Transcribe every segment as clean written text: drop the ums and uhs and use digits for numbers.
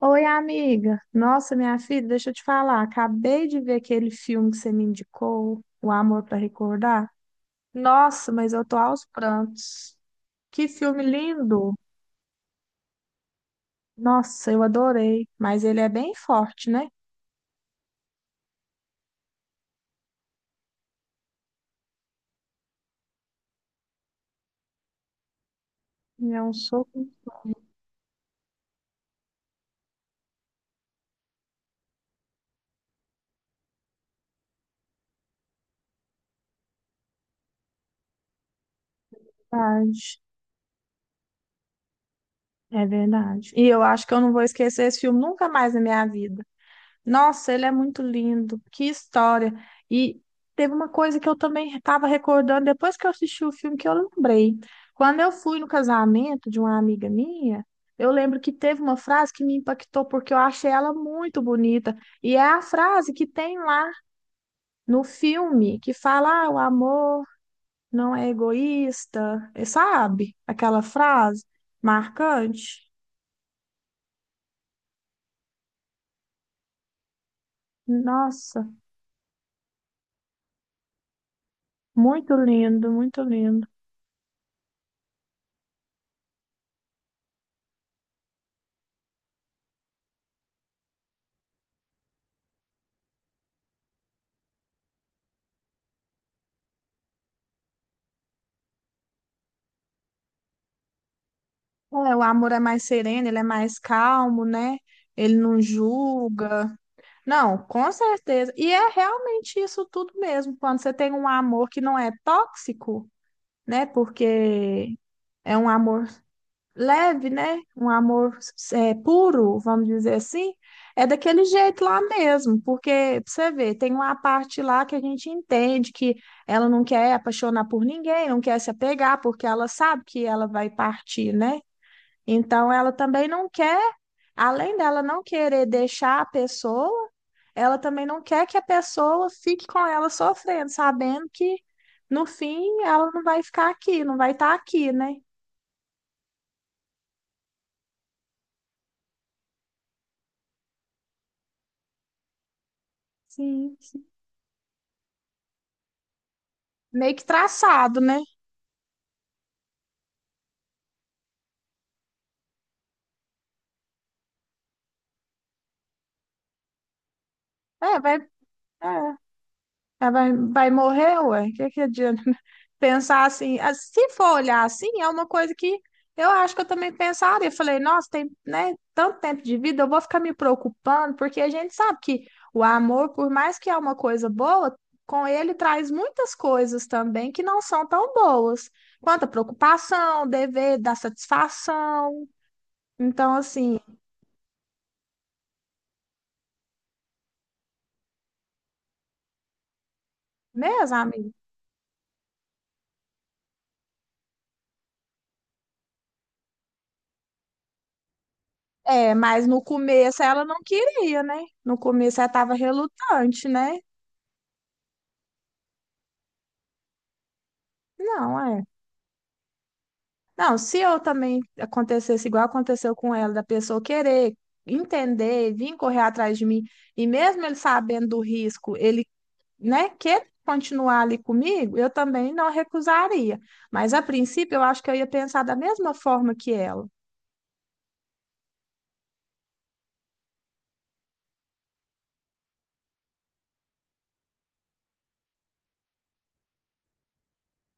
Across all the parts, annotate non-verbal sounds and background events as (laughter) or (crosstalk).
Oi, amiga. Nossa, minha filha, deixa eu te falar. Acabei de ver aquele filme que você me indicou, O Amor para Recordar. Nossa, mas eu tô aos prantos. Que filme lindo! Nossa, eu adorei. Mas ele é bem forte, né? É um soco de verdade. É verdade. E eu acho que eu não vou esquecer esse filme nunca mais na minha vida. Nossa, ele é muito lindo, que história. E teve uma coisa que eu também estava recordando depois que eu assisti o filme que eu lembrei. Quando eu fui no casamento de uma amiga minha, eu lembro que teve uma frase que me impactou porque eu achei ela muito bonita. E é a frase que tem lá no filme que fala: ah, o amor não é egoísta, e sabe? Aquela frase marcante. Nossa, muito lindo, muito lindo. É, o amor é mais sereno, ele é mais calmo, né? Ele não julga. Não, com certeza. E é realmente isso tudo mesmo. Quando você tem um amor que não é tóxico, né? Porque é um amor leve, né? Um amor puro, vamos dizer assim. É daquele jeito lá mesmo. Porque, pra você ver, tem uma parte lá que a gente entende que ela não quer apaixonar por ninguém, não quer se apegar, porque ela sabe que ela vai partir, né? Então, ela também não quer, além dela não querer deixar a pessoa, ela também não quer que a pessoa fique com ela sofrendo, sabendo que no fim ela não vai ficar aqui, não vai estar aqui, né? Sim, sim. Meio que traçado, né? É, vai, é. Ela vai morrer, ué? O que que adianta? (laughs) Pensar assim, ah, se for olhar assim, é uma coisa que eu acho que eu também pensaria. Eu falei, nossa, tem, né, tanto tempo de vida, eu vou ficar me preocupando, porque a gente sabe que o amor, por mais que é uma coisa boa, com ele traz muitas coisas também que não são tão boas, quanto a preocupação, dever, dar satisfação. Então, assim, mesmo, amiga. É, mas no começo ela não queria, né? No começo ela estava relutante, né? Não, é. Não, se eu também acontecesse igual aconteceu com ela, da pessoa querer entender, vir correr atrás de mim, e mesmo ele sabendo do risco, ele, né, quer continuar ali comigo, eu também não recusaria. Mas a princípio, eu acho que eu ia pensar da mesma forma que ela.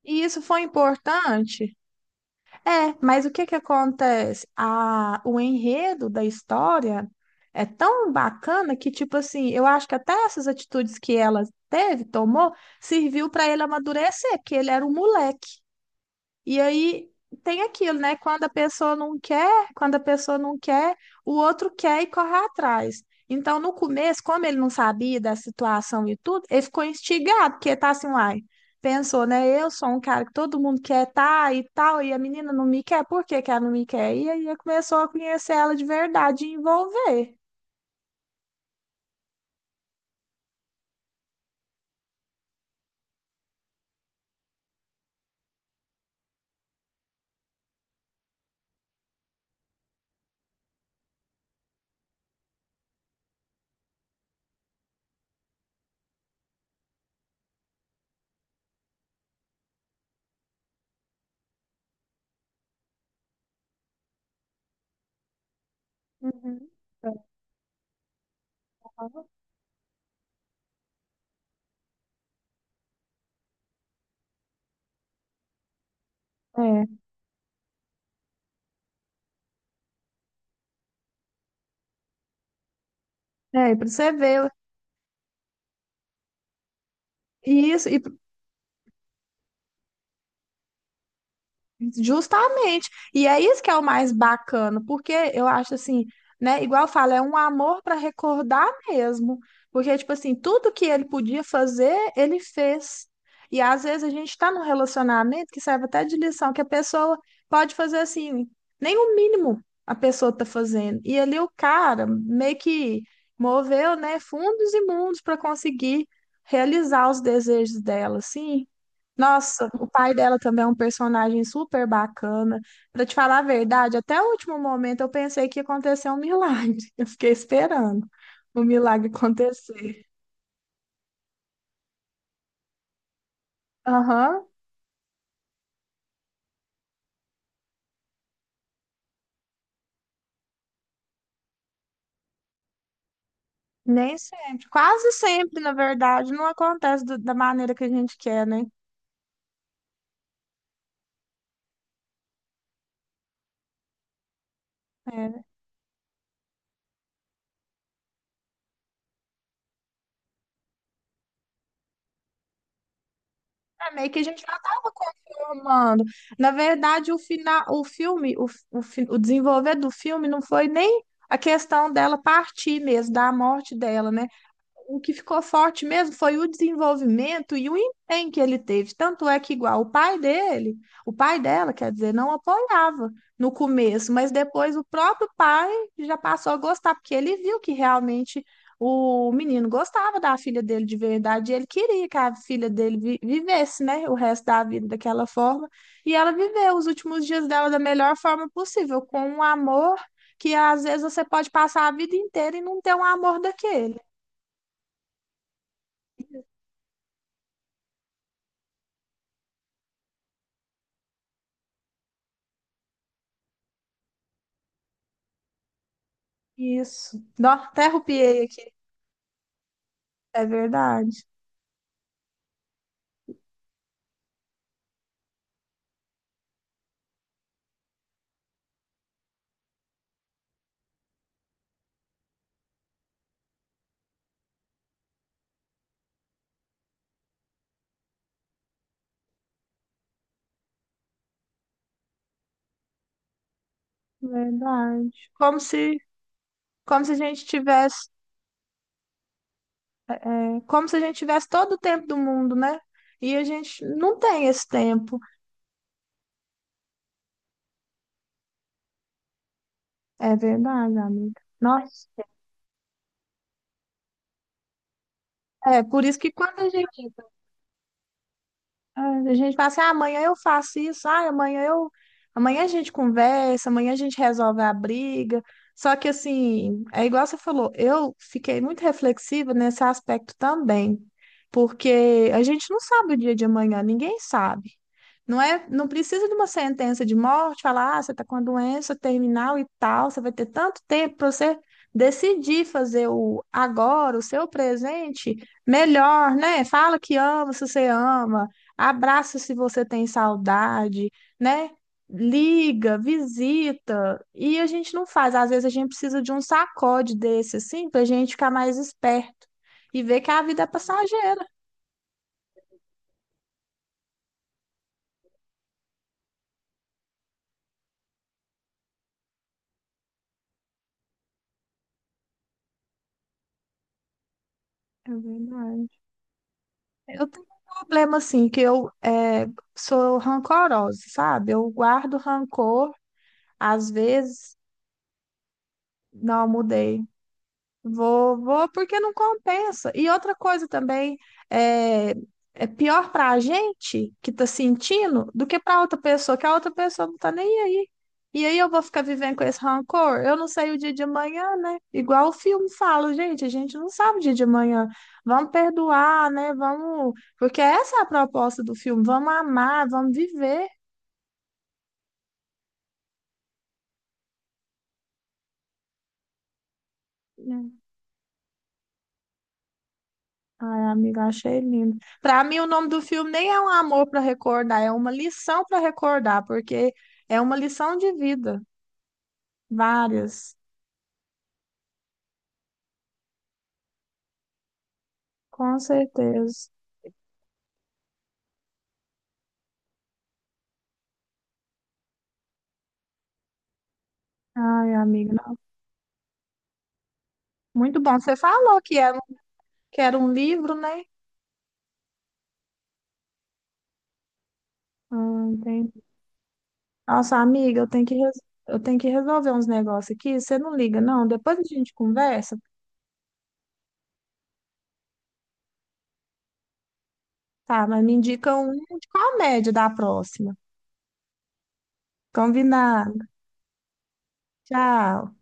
E isso foi importante. É, mas o que que acontece? O enredo da história é tão bacana que, tipo assim, eu acho que até essas atitudes que ela teve, tomou, serviu para ele amadurecer, que ele era um moleque. E aí tem aquilo, né? Quando a pessoa não quer, quando a pessoa não quer, o outro quer e corre atrás. Então, no começo, como ele não sabia da situação e tudo, ele ficou instigado, porque tá assim, uai, pensou, né? Eu sou um cara que todo mundo quer tá e tal, e a menina não me quer, por que que ela não me quer? E aí ele começou a conhecer ela de verdade e envolver. Uhum. É, para você ver. E isso, e Justamente. E é isso que é o mais bacana, porque eu acho assim, né? Igual eu falo, é um amor para recordar mesmo. Porque, tipo assim, tudo que ele podia fazer, ele fez. E às vezes a gente está num relacionamento que serve até de lição, que a pessoa pode fazer assim, nem o mínimo a pessoa tá fazendo. E ali o cara meio que moveu, né, fundos e mundos para conseguir realizar os desejos dela, assim. Nossa, o pai dela também é um personagem super bacana. Pra te falar a verdade, até o último momento eu pensei que ia acontecer um milagre. (laughs) Eu fiquei esperando o milagre acontecer. Aham, nem sempre. Quase sempre, na verdade, não acontece da maneira que a gente quer, né? É, é meio que a gente já estava confirmando. Na verdade, o final, o filme, o desenvolver do filme não foi nem a questão dela partir mesmo, da morte dela, né? O que ficou forte mesmo foi o desenvolvimento e o empenho que ele teve. Tanto é que, igual o pai dele, o pai dela, quer dizer, não apoiava no começo, mas depois o próprio pai já passou a gostar, porque ele viu que realmente o menino gostava da filha dele de verdade e ele queria que a filha dele vivesse, né, o resto da vida daquela forma. E ela viveu os últimos dias dela da melhor forma possível, com um amor. Que às vezes você pode passar a vida inteira e não ter um amor daquele. Isso. Nó, até arrupiei aqui. É verdade. Verdade. Como se a gente tivesse, como se a gente tivesse todo o tempo do mundo, né? E a gente não tem esse tempo. É verdade, amiga. Nossa. É, por isso que quando a gente fala assim, ah, amanhã eu faço isso, ah, amanhã eu. Amanhã a gente conversa, amanhã a gente resolve a briga. Só que assim, é igual você falou, eu fiquei muito reflexiva nesse aspecto também, porque a gente não sabe o dia de amanhã, ninguém sabe. Não é, não precisa de uma sentença de morte, falar, ah, você está com a doença terminal e tal, você vai ter tanto tempo para você decidir fazer o agora, o seu presente melhor, né? Fala que ama, se você ama abraça, se você tem saudade, né? Liga, visita. E a gente não faz. Às vezes a gente precisa de um sacode desse, assim, pra gente ficar mais esperto e ver que a vida é passageira. É verdade. Eu tenho um problema, assim, que eu sou rancorosa, sabe? Eu guardo rancor, às vezes. Não, mudei. Vou, vou, porque não compensa. E outra coisa também, é, é pior para a gente que tá sentindo do que para outra pessoa, que a outra pessoa não tá nem aí. E aí eu vou ficar vivendo com esse rancor? Eu não sei o dia de amanhã, né? Igual o filme fala, gente, a gente não sabe o dia de amanhã. Vamos perdoar, né? Vamos. Porque essa é a proposta do filme, vamos amar, vamos viver, né? Ai, amiga, achei lindo. Para mim, o nome do filme nem é um amor para recordar, é uma lição para recordar, porque é uma lição de vida. Várias, com certeza. Ai, amiga, não. Muito bom. Você falou que era um livro, né? Entendi. Nossa, amiga, eu tenho que resolver uns negócios aqui. Você não liga, não? Depois a gente conversa. Tá, mas me indica um de comédia da próxima. Combinado. Tchau.